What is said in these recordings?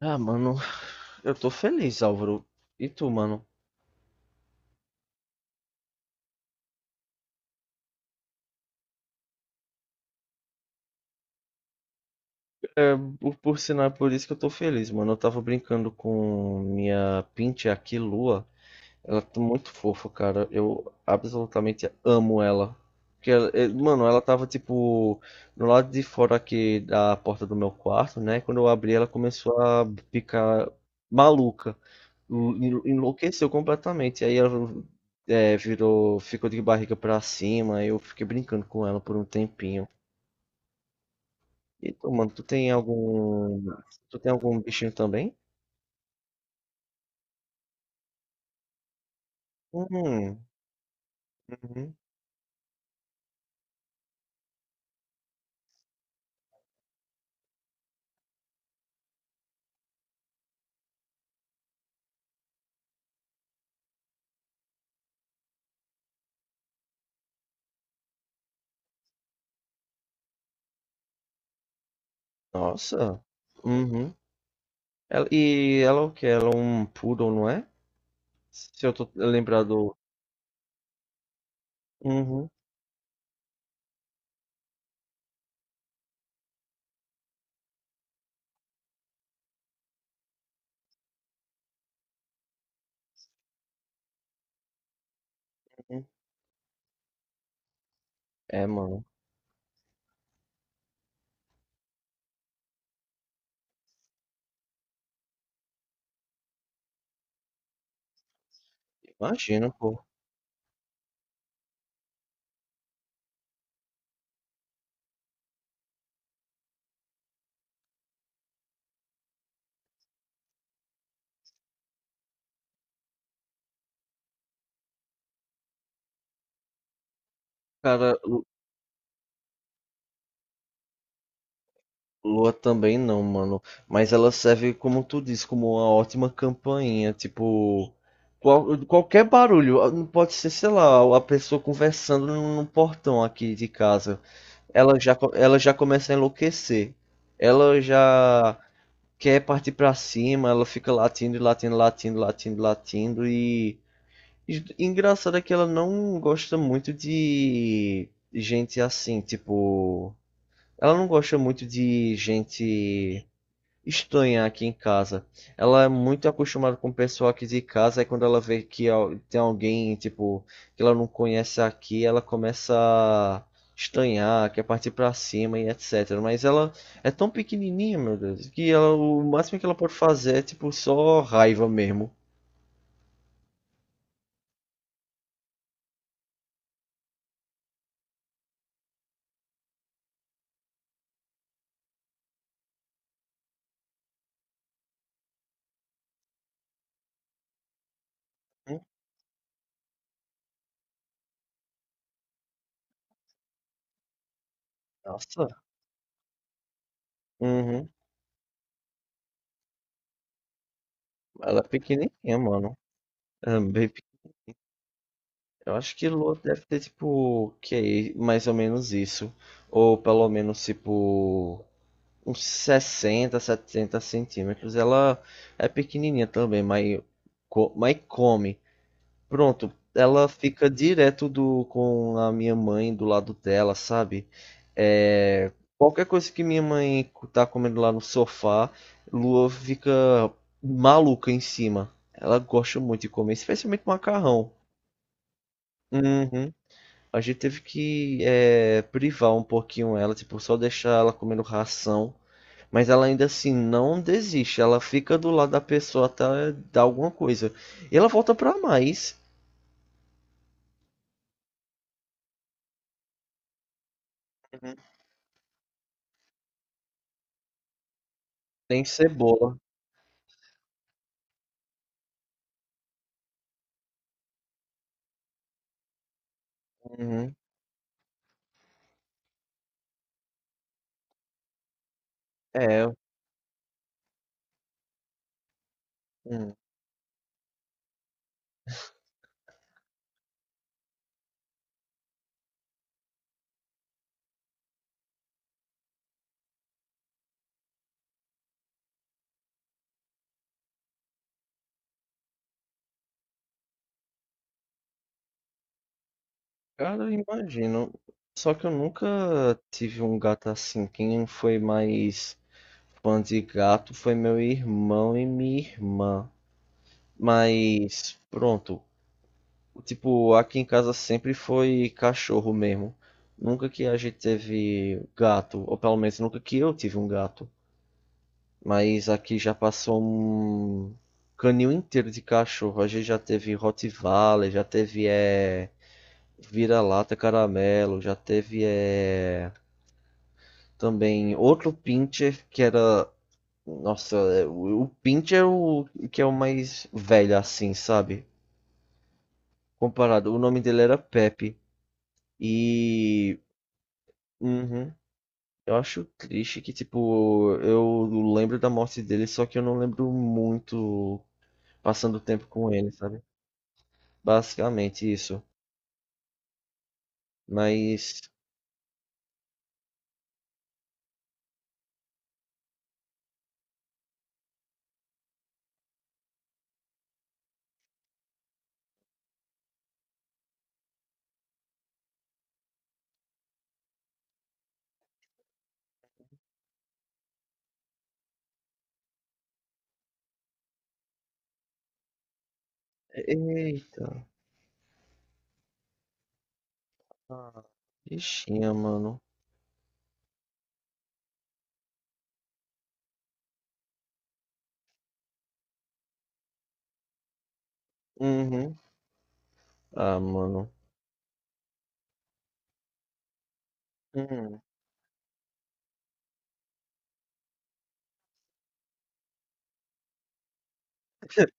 Ah, mano, eu tô feliz, Álvaro. E tu, mano? É, por sinal, é por isso que eu tô feliz, mano. Eu tava brincando com minha pinte aqui, Lua. Ela tá muito fofa, cara. Eu absolutamente amo ela. Porque, mano, ela tava tipo no lado de fora aqui da porta do meu quarto, né? Quando eu abri, ela começou a ficar maluca. Enlouqueceu completamente. Aí ela virou, ficou de barriga pra cima. Aí eu fiquei brincando com ela por um tempinho. E tu, mano, tu tem algum. Tu tem algum bichinho também? Hum, uhum. Nossa. Uhum. E ela é o quê? Ela é um poodle, não é? Se eu tô lembrado. Uhum, uhum. É, mano. Imagina, pô. Cara, Lua também não, mano. Mas ela serve, como tu disse, como uma ótima campainha. Tipo, qualquer barulho. Ah, não pode ser, sei lá, a pessoa conversando no portão aqui de casa. Ela já começa a enlouquecer. Ela já quer partir pra cima. Ela fica latindo, e latindo, latindo, latindo, latindo. Engraçado é que ela não gosta muito de gente assim, tipo. Ela não gosta muito de gente estranha aqui em casa. Ela é muito acostumada com o pessoal aqui de casa, e quando ela vê que tem alguém, tipo, que ela não conhece aqui, ela começa a estranhar, quer partir pra cima e etc. Mas ela é tão pequenininha, meu Deus, que ela, o máximo que ela pode fazer é, tipo, só raiva mesmo. Hum. Nossa. Uhum. Ela é pequenininha, mano. É bem pe- Eu acho que Lua deve ter, tipo, que é mais ou menos isso. Ou pelo menos, tipo, uns 60, 70 centímetros. Ela é pequenininha também, mas, mas come. Pronto, ela fica direto com a minha mãe do lado dela, sabe? É, qualquer coisa que minha mãe tá comendo lá no sofá, Lua fica maluca em cima. Ela gosta muito de comer, especialmente macarrão. Uhum. A gente teve que privar um pouquinho ela, tipo, só deixar ela comendo ração. Mas ela ainda assim não desiste, ela fica do lado da pessoa até dar alguma coisa. E ela volta pra mais. Tem cebola. Uhum. É, hum, cara, eu imagino. Só que eu nunca tive um gato assim. Quem foi mais fã de gato foi meu irmão e minha irmã. Mas pronto, tipo, aqui em casa sempre foi cachorro mesmo. Nunca que a gente teve gato, ou pelo menos nunca que eu tive um gato. Mas aqui já passou um canil inteiro de cachorro. A gente já teve Rottweiler, já teve vira-lata caramelo, já teve também outro Pincher que era. Nossa, é, o Pincher é o que é o mais velho assim, sabe? Comparado, o nome dele era Pepe. E. Uhum. Eu acho triste que, tipo, eu lembro da morte dele, só que eu não lembro muito passando tempo com ele, sabe? Basicamente isso. Mas. Eita. Ah, bichinha, mano. Uhum. Ah, mano. Hum.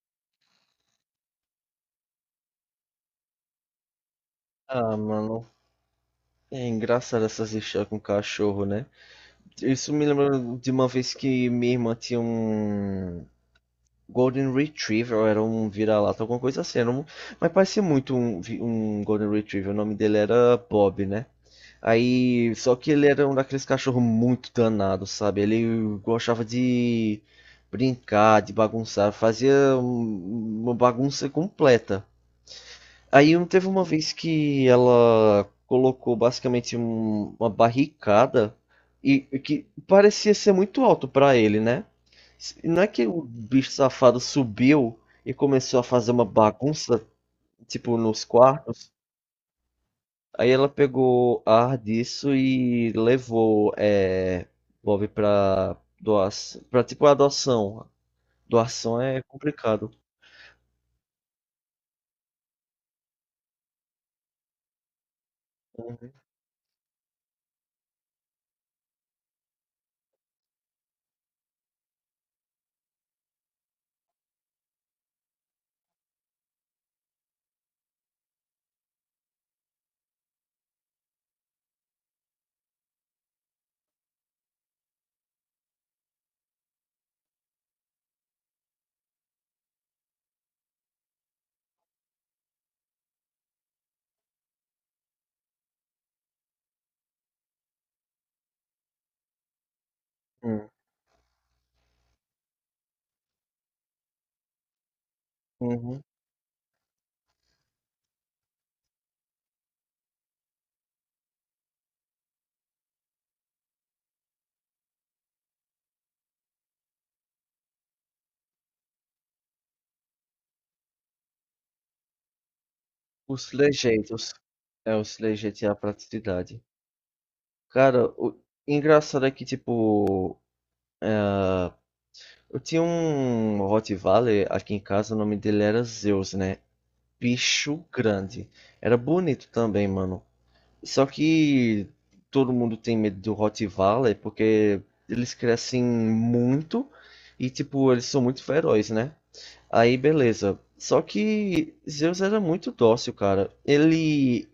Ah, mano, é engraçado essas histórias com cachorro, né? Isso me lembra de uma vez que minha irmã tinha um Golden Retriever, ou era um vira-lata, alguma coisa assim. Era um... Mas parecia muito um Golden Retriever. O nome dele era Bob, né? Aí, só que ele era um daqueles cachorros muito danado, sabe? Ele gostava de brincar, de bagunçar, fazia uma bagunça completa. Aí teve uma vez que ela colocou basicamente uma barricada e que parecia ser muito alto pra ele, né? Não é que o bicho safado subiu e começou a fazer uma bagunça, tipo, nos quartos. Aí ela pegou ar disso e levou Bob pra doação, pra tipo adoção. Doação é complicado. Uhum, uhum. Os trejeitos. É, os trejeitos e a praticidade. Cara, o engraçado é que, tipo, eu tinha um Rottweiler aqui em casa, o nome dele era Zeus, né? Bicho grande. Era bonito também, mano. Só que todo mundo tem medo do Rottweiler porque eles crescem muito e, tipo, eles são muito ferozes, né? Aí, beleza. Só que Zeus era muito dócil, cara. Ele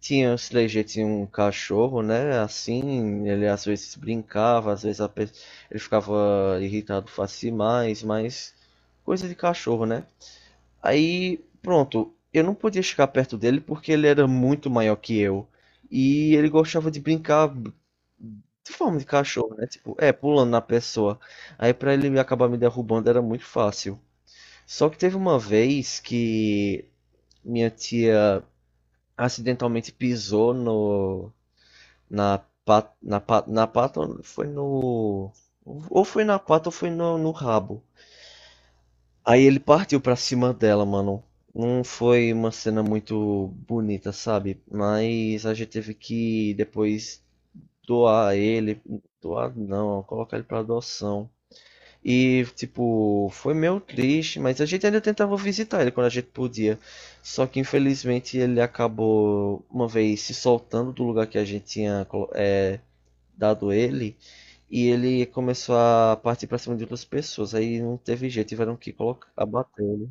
tinha, o Slayer tinha um cachorro, né? Assim, ele às vezes brincava, às vezes ele ficava irritado fácil demais, mas coisa de cachorro, né? Aí, pronto, eu não podia chegar perto dele porque ele era muito maior que eu. E ele gostava de brincar de forma de cachorro, né? Tipo, pulando na pessoa. Aí pra ele acabar me derrubando era muito fácil. Só que teve uma vez que minha tia acidentalmente pisou no na pat, na pat, na pata, foi no, ou foi na pata, ou foi no rabo. Aí ele partiu pra cima dela, mano. Não foi uma cena muito bonita, sabe? Mas a gente teve que depois doar ele, doar não, colocar ele pra adoção. E, tipo, foi meio triste, mas a gente ainda tentava visitar ele quando a gente podia. Só que, infelizmente, ele acabou, uma vez, se soltando do lugar que a gente tinha é, dado ele. E ele começou a partir pra cima de outras pessoas. Aí não teve jeito, tiveram que colocar, abater ele,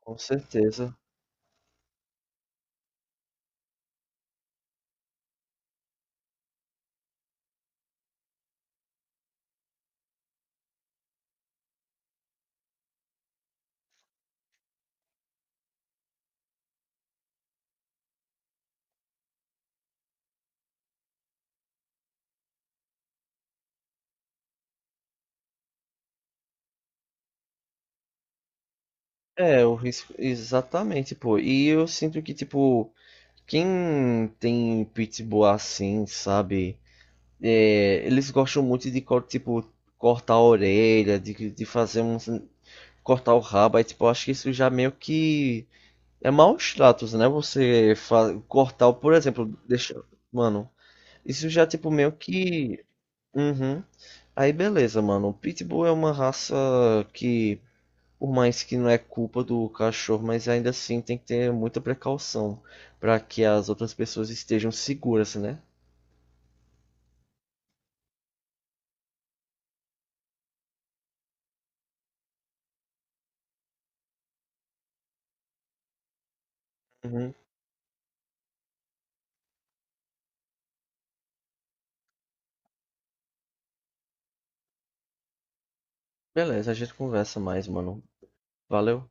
com certeza. É, o risco, exatamente, pô. E eu sinto que, tipo, quem tem pitbull assim, sabe? É, eles gostam muito de tipo cortar a orelha, de fazer um cortar o rabo, aí tipo, eu acho que isso já meio que é maus tratos, né? Você cortar, por exemplo, deixa, mano, isso já tipo meio que uhum. Aí beleza, mano. O Pitbull é uma raça que por mais que não é culpa do cachorro, mas ainda assim tem que ter muita precaução para que as outras pessoas estejam seguras, né? Uhum. Beleza, a gente conversa mais, mano. Valeu.